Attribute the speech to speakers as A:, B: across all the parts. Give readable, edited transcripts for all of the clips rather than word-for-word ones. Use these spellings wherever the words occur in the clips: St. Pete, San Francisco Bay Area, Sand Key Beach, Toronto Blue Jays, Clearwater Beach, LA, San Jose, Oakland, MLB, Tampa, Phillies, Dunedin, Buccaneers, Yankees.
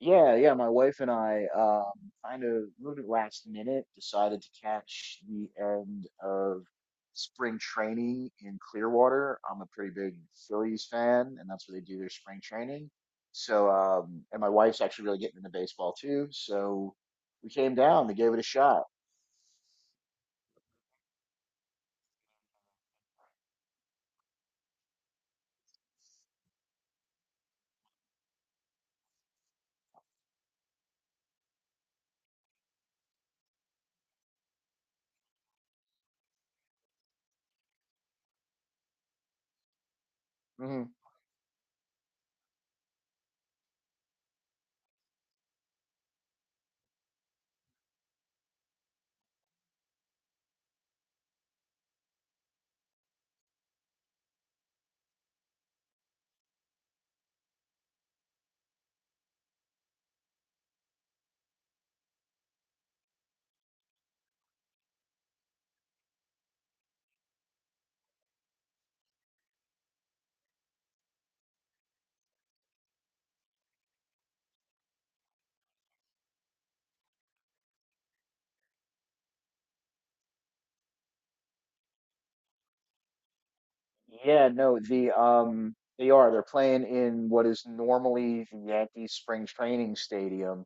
A: Yeah, yeah, my wife and I kind of moved it last minute, decided to catch the end of spring training in Clearwater. I'm a pretty big Phillies fan, and that's where they do their spring training. And my wife's actually really getting into baseball too. So we came down, we gave it a shot. Hmm. Yeah, no, the they are. They're playing in what is normally the Yankees spring training stadium,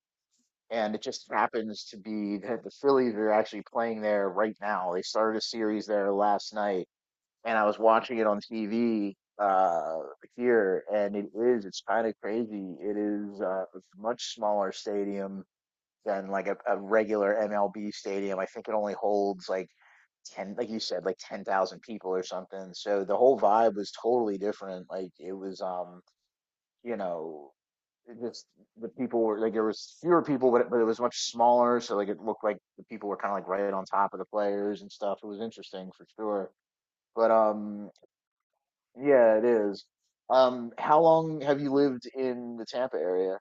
A: and it just happens to be that the Phillies are actually playing there right now. They started a series there last night, and I was watching it on TV uh here, and it's kind of crazy. It is a much smaller stadium than like a regular MLB stadium. I think it only holds like ten, like you said, like 10,000 people or something. So the whole vibe was totally different. Like it was you know, just, the people were like, there was fewer people, but it was much smaller. So like it looked like the people were kind of like right on top of the players and stuff. It was interesting for sure. But yeah, it is. How long have you lived in the Tampa area?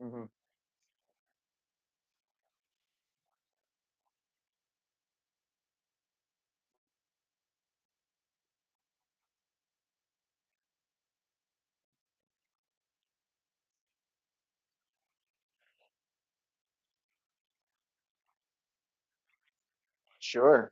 A: Hmm. Sure.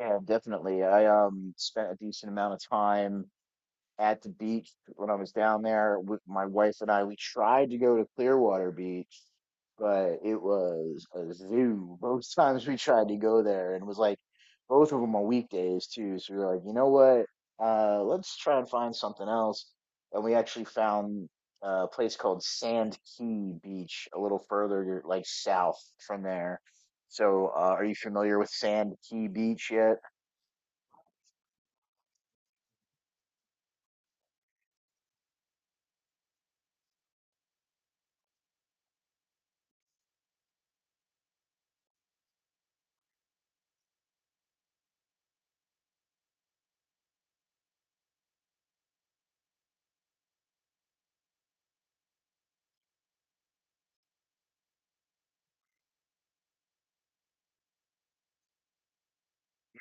A: Yeah, definitely. I spent a decent amount of time at the beach when I was down there with my wife and I. We tried to go to Clearwater Beach, but it was a zoo. Both times we tried to go there, and it was like both of them on weekdays too. So we were like, you know what? Let's try and find something else. And we actually found a place called Sand Key Beach, a little further like south from there. So, are you familiar with Sand Key Beach yet?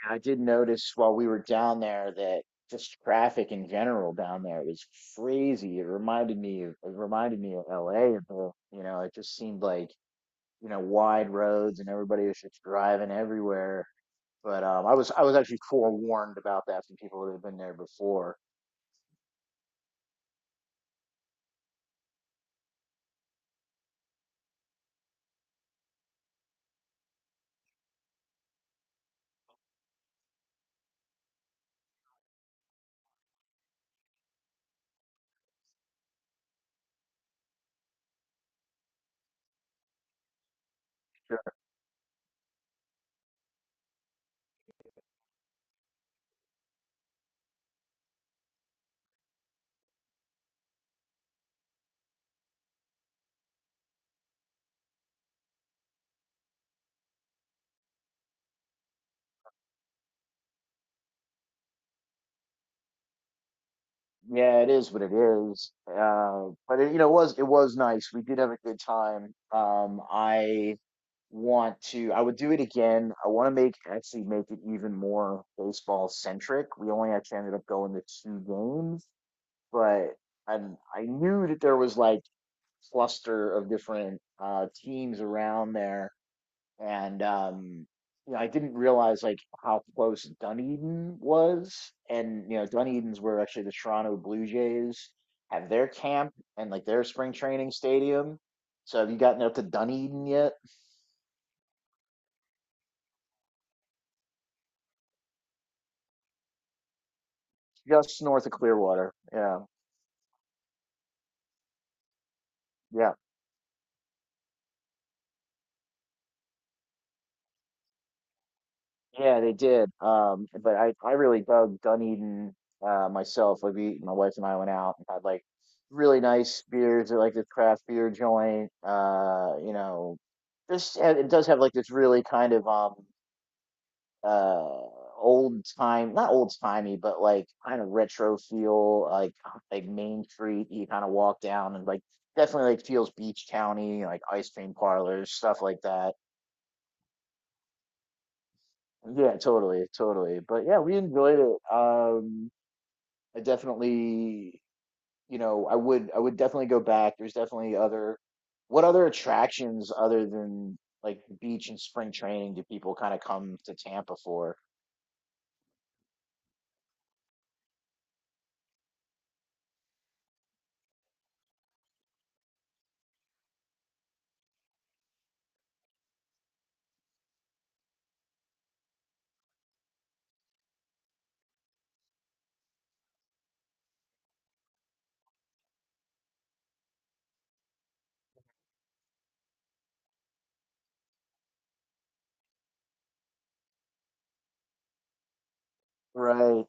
A: I did notice while we were down there that just traffic in general down there was crazy. It reminded me of LA bit. You know, it just seemed like, you know, wide roads and everybody was just driving everywhere. But I was actually forewarned about that from people that had been there before. Yeah, it is what it is. But it, you know, it was nice. We did have a good time. I would do it again. I want to make, actually make it even more baseball centric. We only actually ended up going to two games, but I I knew that there was like cluster of different teams around there, and you know, I didn't realize like how close Dunedin was, and you know, Dunedin's where actually the Toronto Blue Jays have their camp and like their spring training stadium. So have you gotten up to Dunedin yet? Just north of Clearwater. Yeah, yeah, yeah. They did. But I really dug Dunedin, myself. My wife and I went out and had like really nice beers at like this craft beer joint. You know, this and it does have like this really kind of uh old time, not old timey, but like kind of retro feel. Like Main Street, you kind of walk down, and like definitely like feels beach county, like ice cream parlors, stuff like that. Yeah, totally, totally. But yeah, we enjoyed it. I definitely, you know, I would definitely go back. There's definitely other, what other attractions other than like the beach and spring training do people kind of come to Tampa for? Right,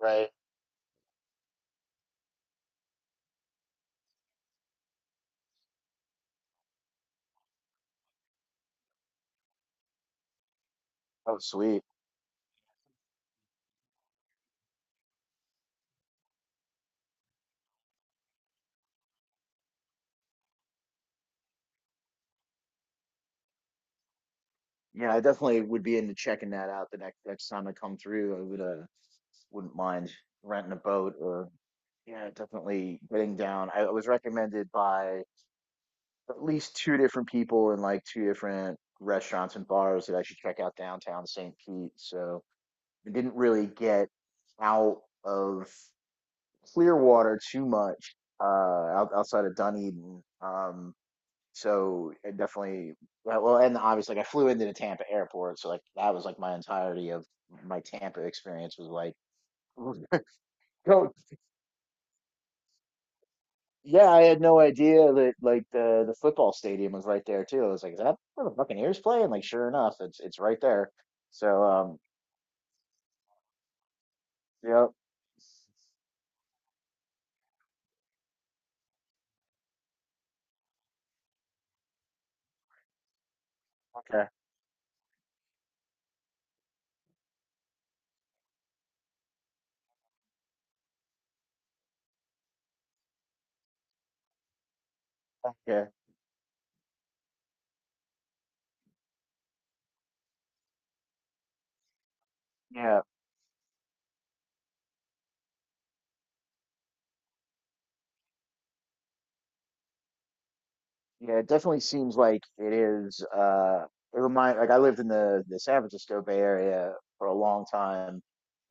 A: right. Oh, sweet. Yeah, I definitely would be into checking that out the next time I come through. I would, wouldn't mind renting a boat, or yeah, definitely getting down. I was recommended by at least two different people in like two different restaurants and bars that I should check out downtown St. Pete. So I didn't really get out of Clearwater too much, outside of Dunedin. So it definitely and obviously like I flew into the Tampa airport, so like that was like my entirety of my Tampa experience was like go yeah, I had no idea that like the football stadium was right there too. I was like, is that where the Buccaneers play? And like, sure enough, it's right there. So yep, okay, okay, yeah. Yeah, it definitely seems like it is. It remind, like I lived in the San Francisco Bay Area for a long time,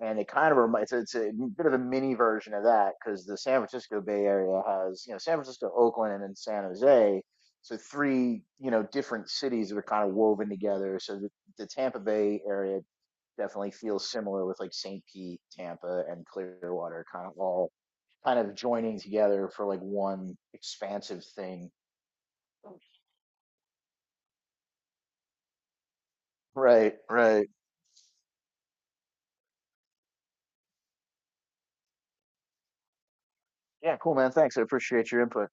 A: and it kind of reminds, it's a bit of a mini version of that, because the San Francisco Bay Area has, you know, San Francisco, Oakland, and San Jose, so three, you know, different cities that are kind of woven together. The Tampa Bay area definitely feels similar with like St. Pete, Tampa, and Clearwater, kind of all kind of joining together for like one expansive thing. Right, right. Yeah, cool, man. Thanks. I appreciate your input.